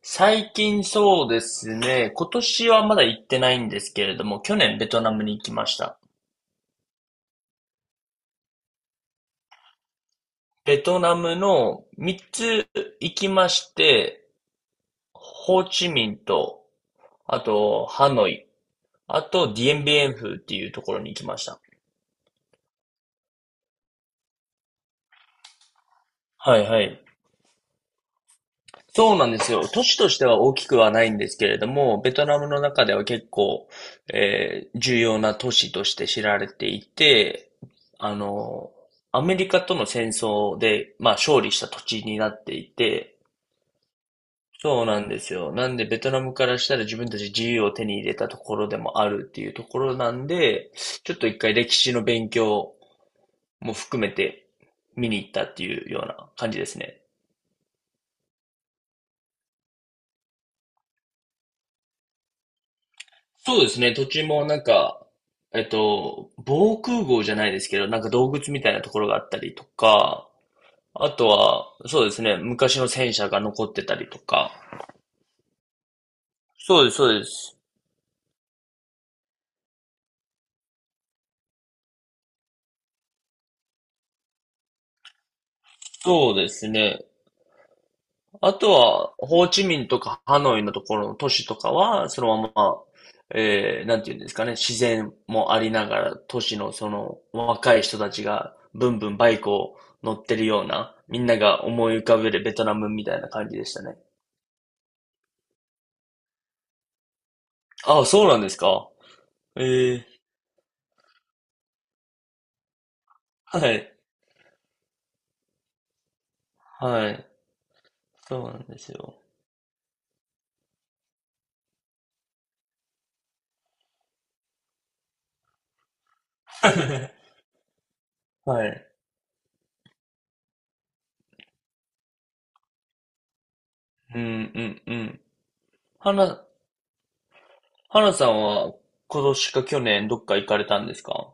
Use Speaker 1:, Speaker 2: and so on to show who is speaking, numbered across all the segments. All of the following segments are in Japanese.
Speaker 1: 最近そうですね、今年はまだ行ってないんですけれども、去年ベトナムに行きました。ベトナムの3つ行きまして、ホーチミンと、あとハノイ、あとディエンビエンフっていうところに行きました。はいはい。そうなんですよ。都市としては大きくはないんですけれども、ベトナムの中では結構、重要な都市として知られていて、あの、アメリカとの戦争で、まあ、勝利した土地になっていて、そうなんですよ。なんで、ベトナムからしたら自分たち自由を手に入れたところでもあるっていうところなんで、ちょっと一回歴史の勉強も含めて見に行ったっていうような感じですね。そうですね。土地もなんか、防空壕じゃないですけど、なんか洞窟みたいなところがあったりとか、あとは、そうですね。昔の戦車が残ってたりとか。そうです、そうです。そうですね。あとは、ホーチミンとかハノイのところの都市とかは、そのまま、なんていうんですかね、自然もありながら、都市のその若い人たちが、ブンブンバイクを乗ってるような、みんなが思い浮かべるベトナムみたいな感じでしたね。あ、そうなんですか。ええ、はい、はい、そうなんですよ。はい。うん、うん、うん。はな、はなさんは、今年か去年どっか行かれたんですか？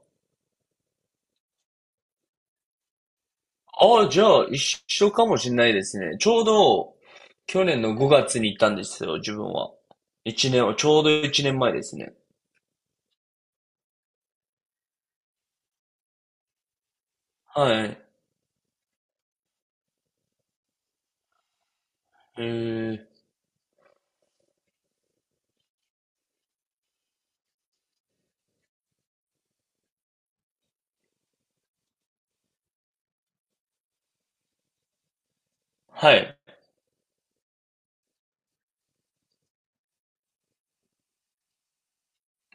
Speaker 1: ああ、じゃあ一緒かもしれないですね。ちょうど、去年の5月に行ったんですよ、自分は。一年は、ちょうど一年前ですね。はい。ええ、はい。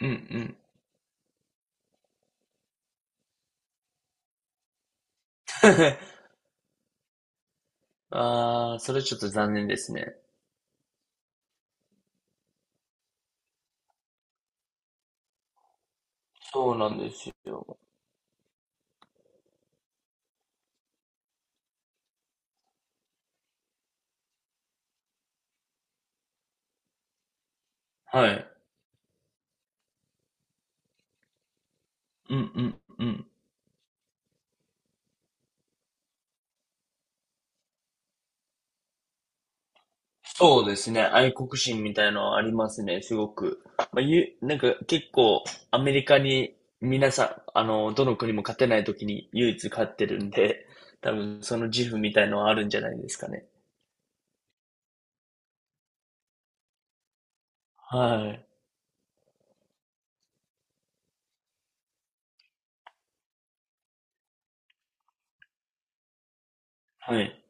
Speaker 1: うんうん。ああ、それちょっと残念ですね。そうなんですよ。はい。うんうんうん。そうですね。愛国心みたいのはありますね、すごく。まあ、なんか結構アメリカに皆さん、どの国も勝てない時に唯一勝ってるんで、多分その自負みたいのはあるんじゃないですかね。はい。はい。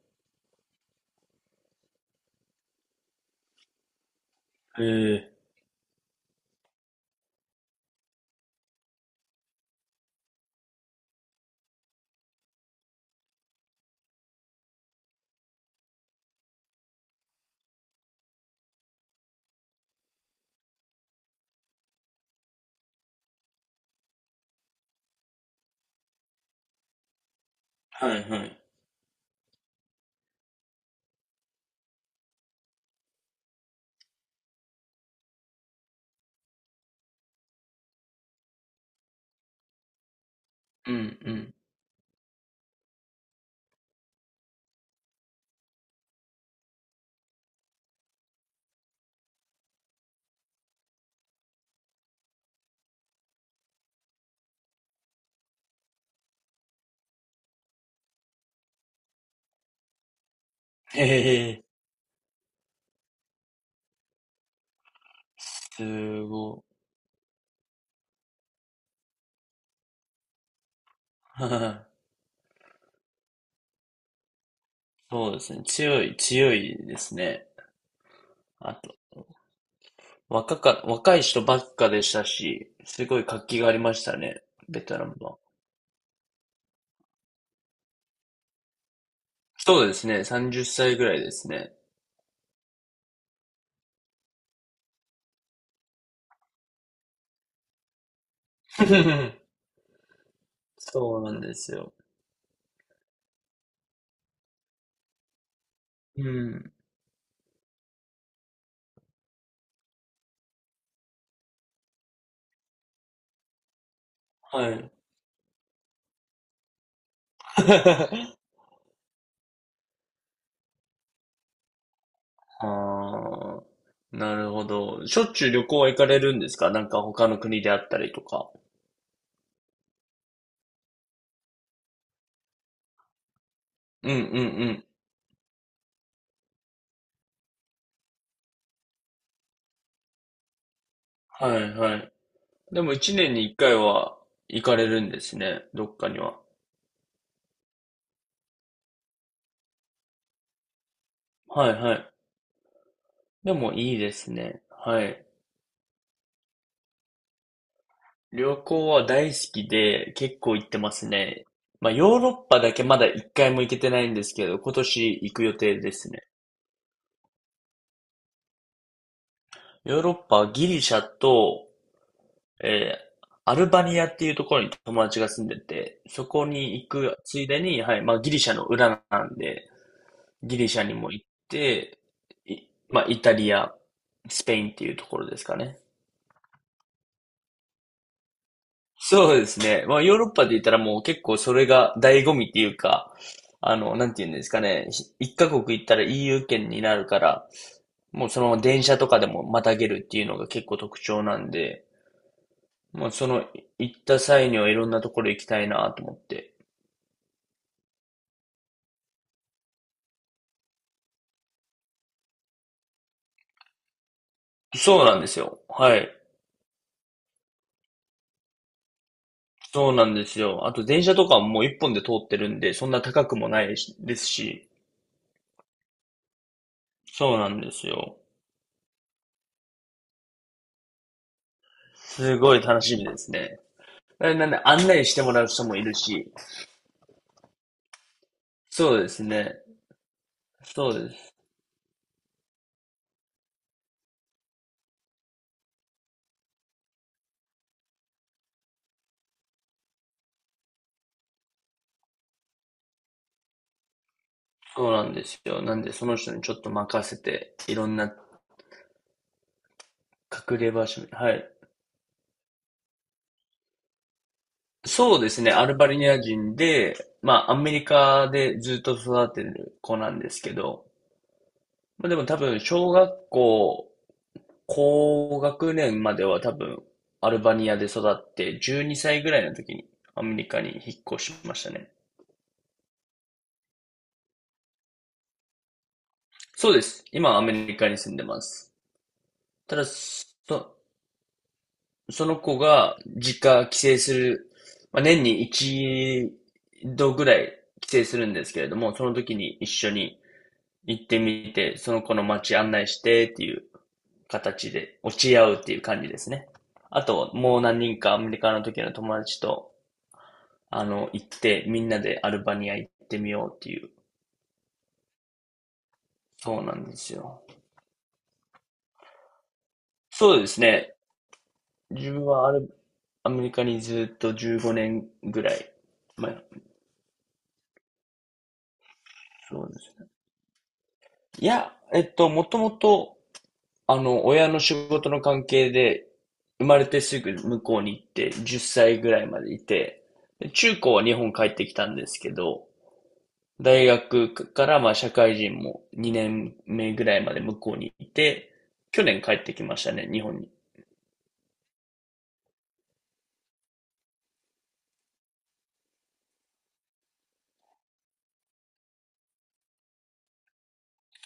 Speaker 1: へえ。はいはい。うんうん。へえ。すごい。はい。そうですね。強い、強いですね。あと、若い人ばっかでしたし、すごい活気がありましたね、ベトナムは。そうですね。30歳ぐらいですね。そうなんですよ。うん。はい。ああ、なるほど。しょっちゅう旅行は行かれるんですか？なんか他の国であったりとか。うんうんうん。はいはい。でも一年に一回は行かれるんですね。どっかには。はいはい。でもいいですね。はい。旅行は大好きで結構行ってますね。まあヨーロッパだけまだ一回も行けてないんですけど、今年行く予定ですね。ヨーロッパはギリシャと、えーアルバニアっていうところに友達が住んでて、そこに行くついでに、はい、まあギリシャの裏なんで、ギリシャにも行って、いまあイタリア、スペインっていうところですかね。そうですね。まあヨーロッパで言ったらもう結構それが醍醐味っていうか、なんて言うんですかね。一カ国行ったら EU 圏になるから、もうそのまま電車とかでもまたげるっていうのが結構特徴なんで、まあ、行った際にはいろんなところ行きたいなと思って。そうなんですよ。はい。そうなんですよ。あと電車とかももう一本で通ってるんで、そんな高くもないしですし、そうなんですよ。すごい楽しみですね。なんで案内してもらう人もいるし、そうですね。そうです。そうなんですよ。なんでその人にちょっと任せて、いろんな隠れ場所に、はい。そうですね。アルバニア人で、まあ、アメリカでずっと育ってる子なんですけど、まあ、でも多分、小学校、高学年までは多分、アルバニアで育って、12歳ぐらいの時にアメリカに引っ越しましたね。そうです。今、アメリカに住んでます。ただ、その子が実家帰省する、まあ、年に一度ぐらい帰省するんですけれども、その時に一緒に行ってみて、その子の街案内してっていう形で落ち合うっていう感じですね。あと、もう何人かアメリカの時の友達と、行ってみんなでアルバニア行ってみようっていう。そうなんですよ。そうですね。自分はアメリカにずっと15年ぐらい前。そうですね。いや、もともと親の仕事の関係で、生まれてすぐ向こうに行って、10歳ぐらいまでいて、で中高は日本帰ってきたんですけど、大学からまあ社会人も2年目ぐらいまで向こうにいて、去年帰ってきましたね、日本に。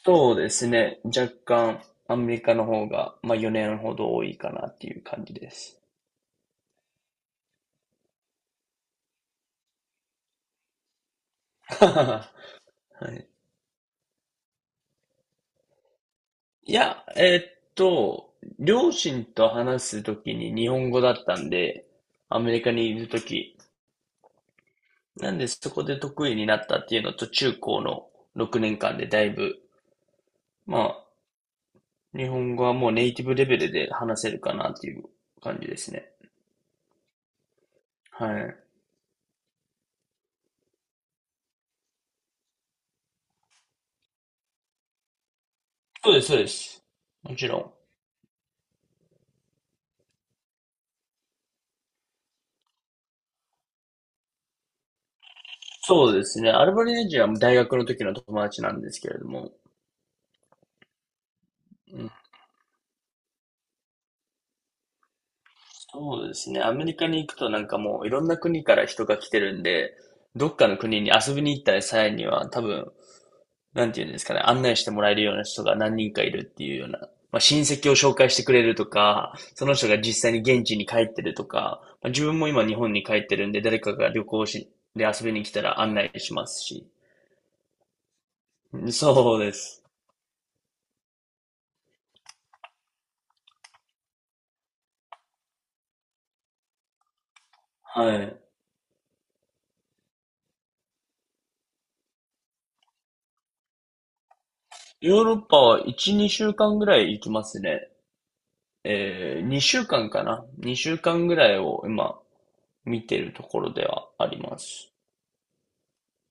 Speaker 1: そうですね、若干アメリカの方が、まあ4年ほど多いかなっていう感じです。はい。いや、両親と話すときに日本語だったんで、アメリカにいるとき。なんでそこで得意になったっていうのと、中高の6年間でだいぶ、まあ、日本語はもうネイティブレベルで話せるかなっていう感じですね。はい。そうです、そうです。もちろん。そうですね。アルバニージは大学の時の友達なんですけれども、うそうですね。アメリカに行くとなんかもういろんな国から人が来てるんで、どっかの国に遊びに行った際には多分、なんていうんですかね、案内してもらえるような人が何人かいるっていうような、まあ、親戚を紹介してくれるとか、その人が実際に現地に帰ってるとか、まあ、自分も今日本に帰ってるんで、誰かが旅行し、で遊びに来たら案内しますし。そうです。はい。ヨーロッパは1、2週間ぐらい行きますね。2週間かんかな ?2 週間ぐらいを今、見てるところではあります